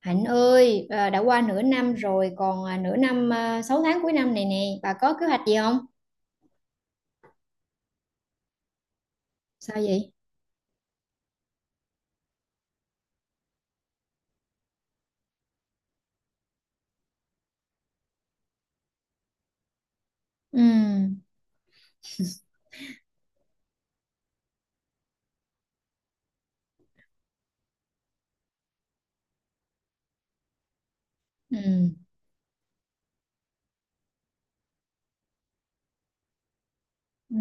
Hạnh ơi, đã qua nửa năm rồi, còn à, nửa năm à, 6 tháng cuối năm này nè, bà có kế hoạch gì không? Sao vậy? Ừ. Ừ. Ừ.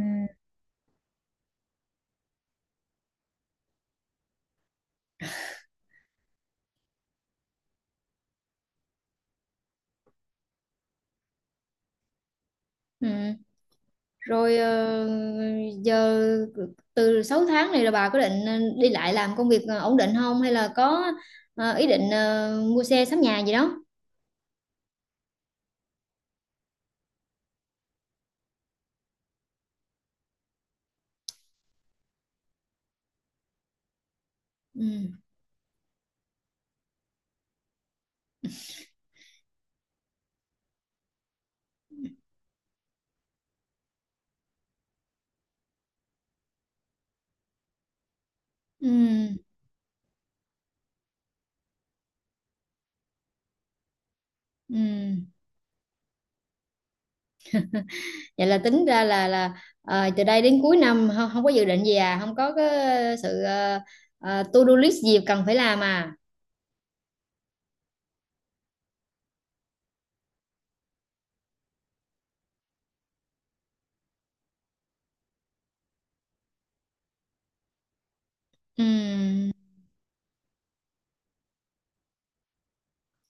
Ừ. Rồi giờ từ 6 tháng này là bà có định đi lại làm công việc ổn định không? Hay là có ý định mua xe sắm nhà gì đó? Ừ. Ừ. Ừ. Vậy là tính ra là ờ, từ đây đến cuối năm không có dự định gì à? Không có cái sự ờ, ờ, to do list gì cần phải làm à? Ừ.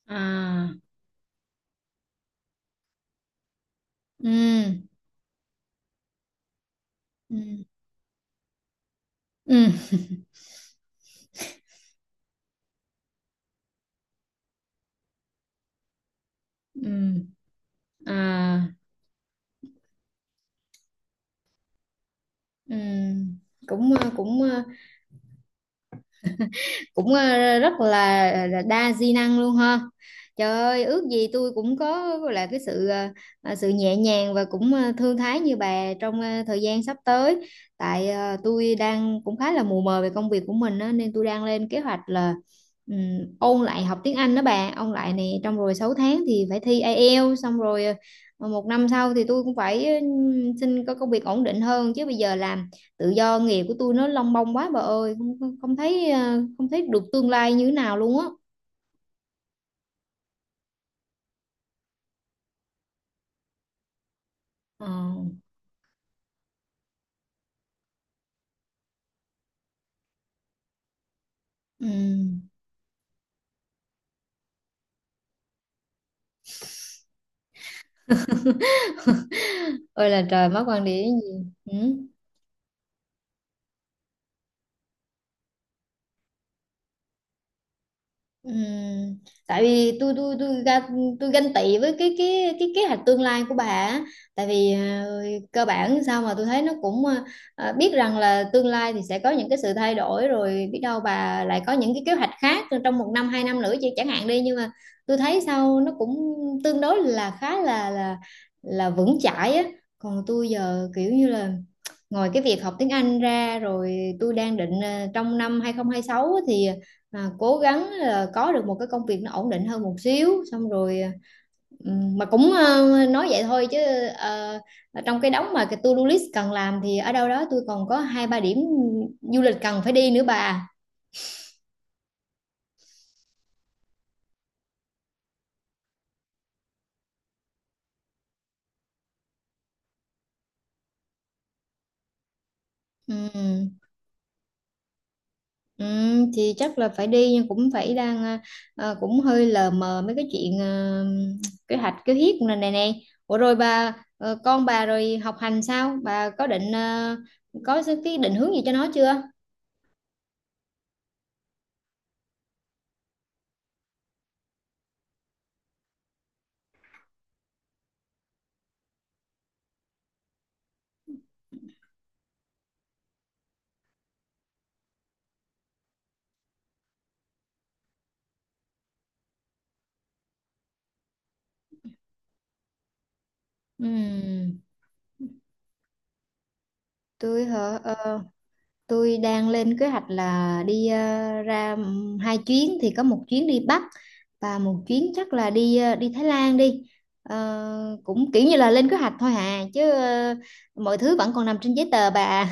À. Ừ. Ừ. Ừ. Ừ. À. Ừ. cũng ờ, cũng ờ, rất là đa di năng luôn ha. Trời ơi, ước gì tôi cũng có là cái sự ờ, ờ, sự nhẹ nhàng và thư thái như bà trong thời gian sắp tới. Tại tôi đang cũng khá là mù mờ về công việc của mình á, nên tôi đang lên kế hoạch là ôn lại học tiếng Anh đó bà, ôn lại này, trong rồi 6 tháng thì phải thi IELTS xong rồi một năm sau thì tôi cũng phải xin có công việc ổn định hơn, chứ bây giờ làm tự do nghề của tôi nó lông bông quá bà ơi, không không không thấy không thấy được tương lai như thế nào luôn á. Ờ. Ừ. Ôi là trời, mắc quan điểm gì. Ừ. Ừm, tại vì tôi ganh tị với cái kế hoạch tương lai của bà á. Tại vì cơ bản sao mà tôi thấy nó cũng biết rằng là tương lai thì sẽ có những cái sự thay đổi, rồi biết đâu bà lại có những cái kế hoạch khác trong một năm hai năm nữa chứ chẳng hạn đi, nhưng mà tôi thấy sao nó cũng tương đối là khá là là vững chãi á. Còn tôi giờ kiểu như là ngoài cái việc học tiếng Anh ra, rồi tôi đang định trong năm 2026 thì cố gắng là có được một cái công việc nó ổn định hơn một xíu, xong rồi mà cũng nói vậy thôi chứ ờ, trong cái đống mà cái to-do list cần làm thì ở đâu đó tôi còn có hai ba điểm du lịch cần phải đi nữa bà. Ừm. Ừ, thì chắc là phải đi, nhưng cũng phải đang ờ, ờ, cũng hơi lờ mờ mấy cái chuyện kế hoạch kế hiếp này này này. Ủa rồi bà con bà rồi học hành sao, bà có định có cái định hướng gì cho nó chưa? Ừm, tôi hả? Ờ, tôi đang lên kế hoạch là đi ra hai chuyến, thì có một chuyến đi Bắc và một chuyến chắc là đi đi Thái Lan đi. Ờ, cũng kiểu như là lên kế hoạch thôi à, chứ mọi thứ vẫn còn nằm trên giấy tờ bà.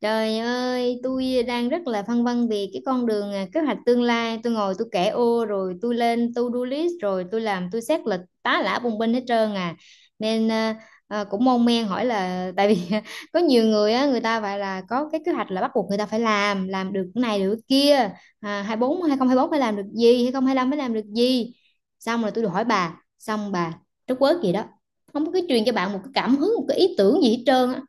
Trời ơi, tôi đang rất là phân vân về cái con đường, à, kế hoạch tương lai. Tôi ngồi tôi kẻ ô rồi tôi lên to-do list rồi tôi làm tôi xét lịch tá lả bùng binh hết trơn à. Nên cũng mon men hỏi là tại vì có nhiều người á, người ta phải là có cái kế hoạch là bắt buộc người ta phải làm được cái này được cái kia. À, 24, bốn, hai không hai bốn phải làm được gì, hai không hai lăm phải làm được gì. Xong rồi tôi được hỏi bà, xong bà trất quớt gì đó. Không có cái truyền cho bạn một cái cảm hứng, một cái ý tưởng gì hết trơn á.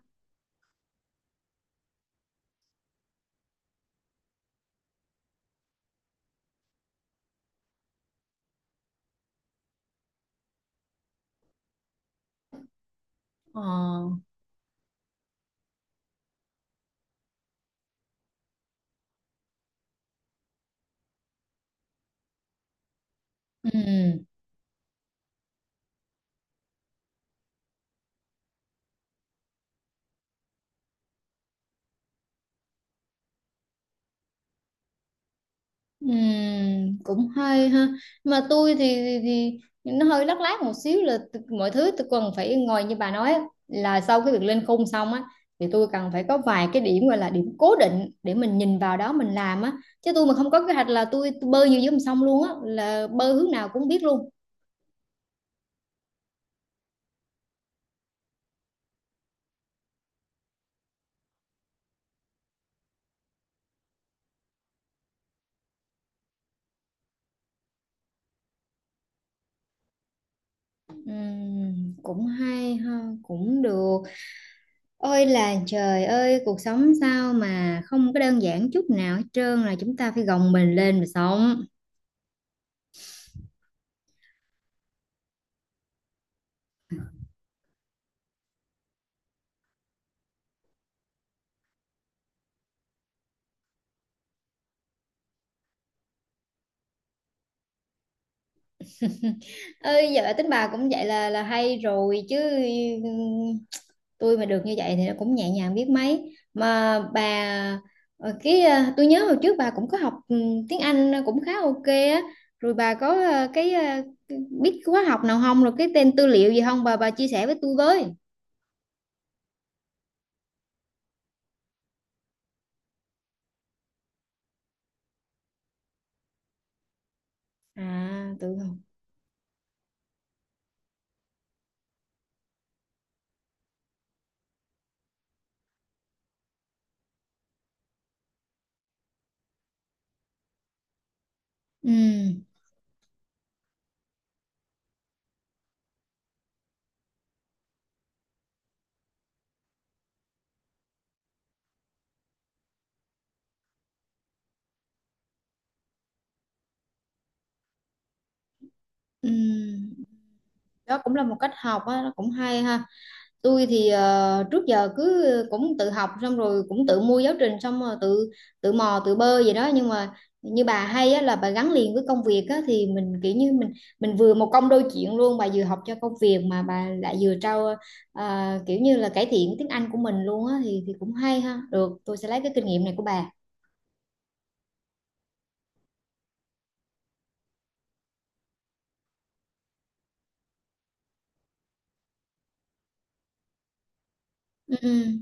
Ờ. Ừ. Cũng hay ha. Mà tôi thì, thì, thì nó hơi lắc lác một xíu là mọi thứ tôi cần phải ngồi như bà nói á, là sau cái việc lên khung xong á, thì tôi cần phải có vài cái điểm, gọi là điểm cố định để mình nhìn vào đó mình làm á, chứ tôi mà không có kế hoạch là tôi bơi như dưới dòng sông luôn á, là bơi hướng nào cũng biết luôn. Cũng hay ha, cũng được. Ôi là trời ơi, cuộc sống sao mà không có đơn giản chút nào hết trơn, là chúng ta phải gồng mình lên mà sống. Ơi giờ tính bà cũng vậy là hay rồi chứ. Ừm, tôi mà được như vậy thì nó cũng nhẹ nhàng biết mấy mà bà. Tôi nhớ hồi trước bà cũng có học tiếng Anh cũng khá ok á, rồi bà có biết khóa học nào không, rồi cái tên tư liệu gì không bà, bà chia sẻ với tôi với. À tự học. Ừ. Ừ. Đó cũng là một cách học á, nó cũng hay ha. Tôi thì trước giờ cứ cũng tự học, xong rồi cũng tự mua giáo trình, xong rồi tự tự mò tự bơ vậy đó, nhưng mà như bà hay á, là bà gắn liền với công việc á, thì mình kiểu như mình vừa một công đôi chuyện luôn, bà vừa học cho công việc mà bà lại vừa trau, kiểu như là cải thiện tiếng Anh của mình luôn á, thì cũng hay ha, được, tôi sẽ lấy cái kinh nghiệm này của bà. Ừ.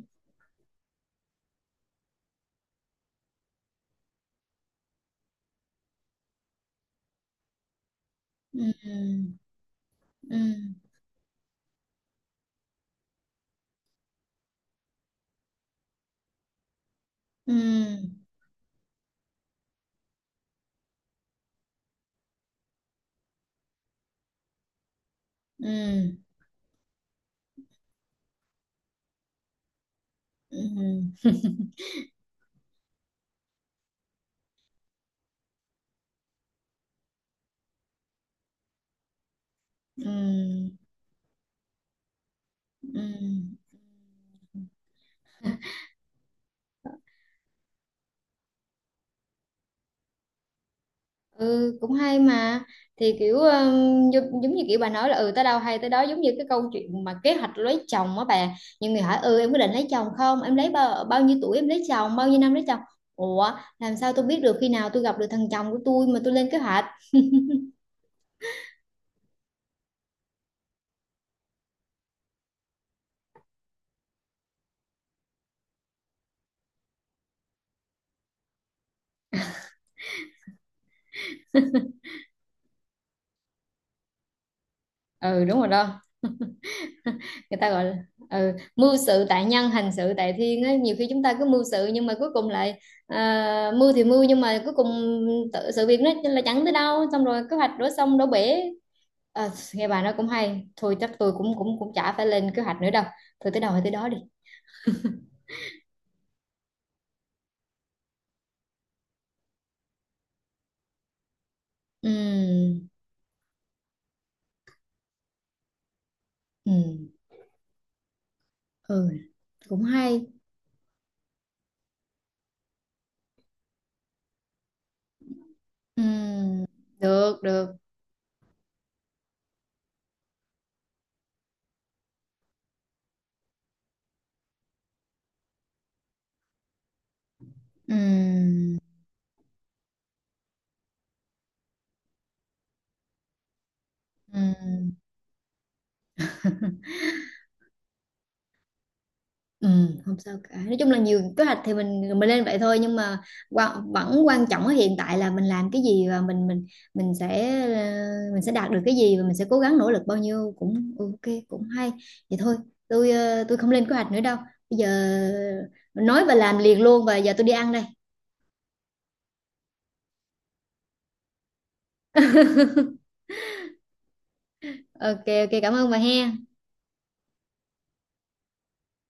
Ừ. Ừ. Ừ. Ừ. Ừ. Ừ. Ừ. Ừ. Ừ cũng hay mà. Thì kiểu giống như kiểu bà nói là ừ tới đâu hay tới đó, giống như cái câu chuyện mà kế hoạch lấy chồng á bà, nhiều người hỏi ừ em có định lấy chồng không, em lấy bao bao nhiêu tuổi em lấy chồng, bao nhiêu năm lấy chồng. Ủa, làm sao tôi biết được khi nào tôi gặp được thằng chồng của tôi mà tôi lên kế hoạch. Ừ đúng rồi đó. Người ta gọi là mưu sự tại nhân hành sự tại thiên á, nhiều khi chúng ta cứ mưu sự nhưng mà cuối cùng lại, à, mưu thì mưu nhưng mà cuối cùng sự việc nó là chẳng tới đâu, xong rồi kế hoạch đổ sông đổ bể. Ờ, nghe bà nói cũng hay, thôi chắc tôi cũng cũng cũng chả phải lên kế hoạch nữa đâu. Thôi tới đâu hay tới đó đi. Ừm. Ừm. Ừ cũng hay. Ừm, được được. Ừm. Ừm. Ừ, không sao cả. Nói chung là nhiều kế hoạch thì mình lên vậy thôi, nhưng mà vẫn quan trọng ở hiện tại là mình làm cái gì, và mình sẽ mình sẽ đạt được cái gì, và mình sẽ cố gắng nỗ lực bao nhiêu cũng ok cũng hay. Vậy thôi, tôi tôi không lên kế hoạch nữa đâu. Bây giờ nói và làm liền luôn, và giờ tôi đi ăn đây. Ok, ok cảm ơn bà he.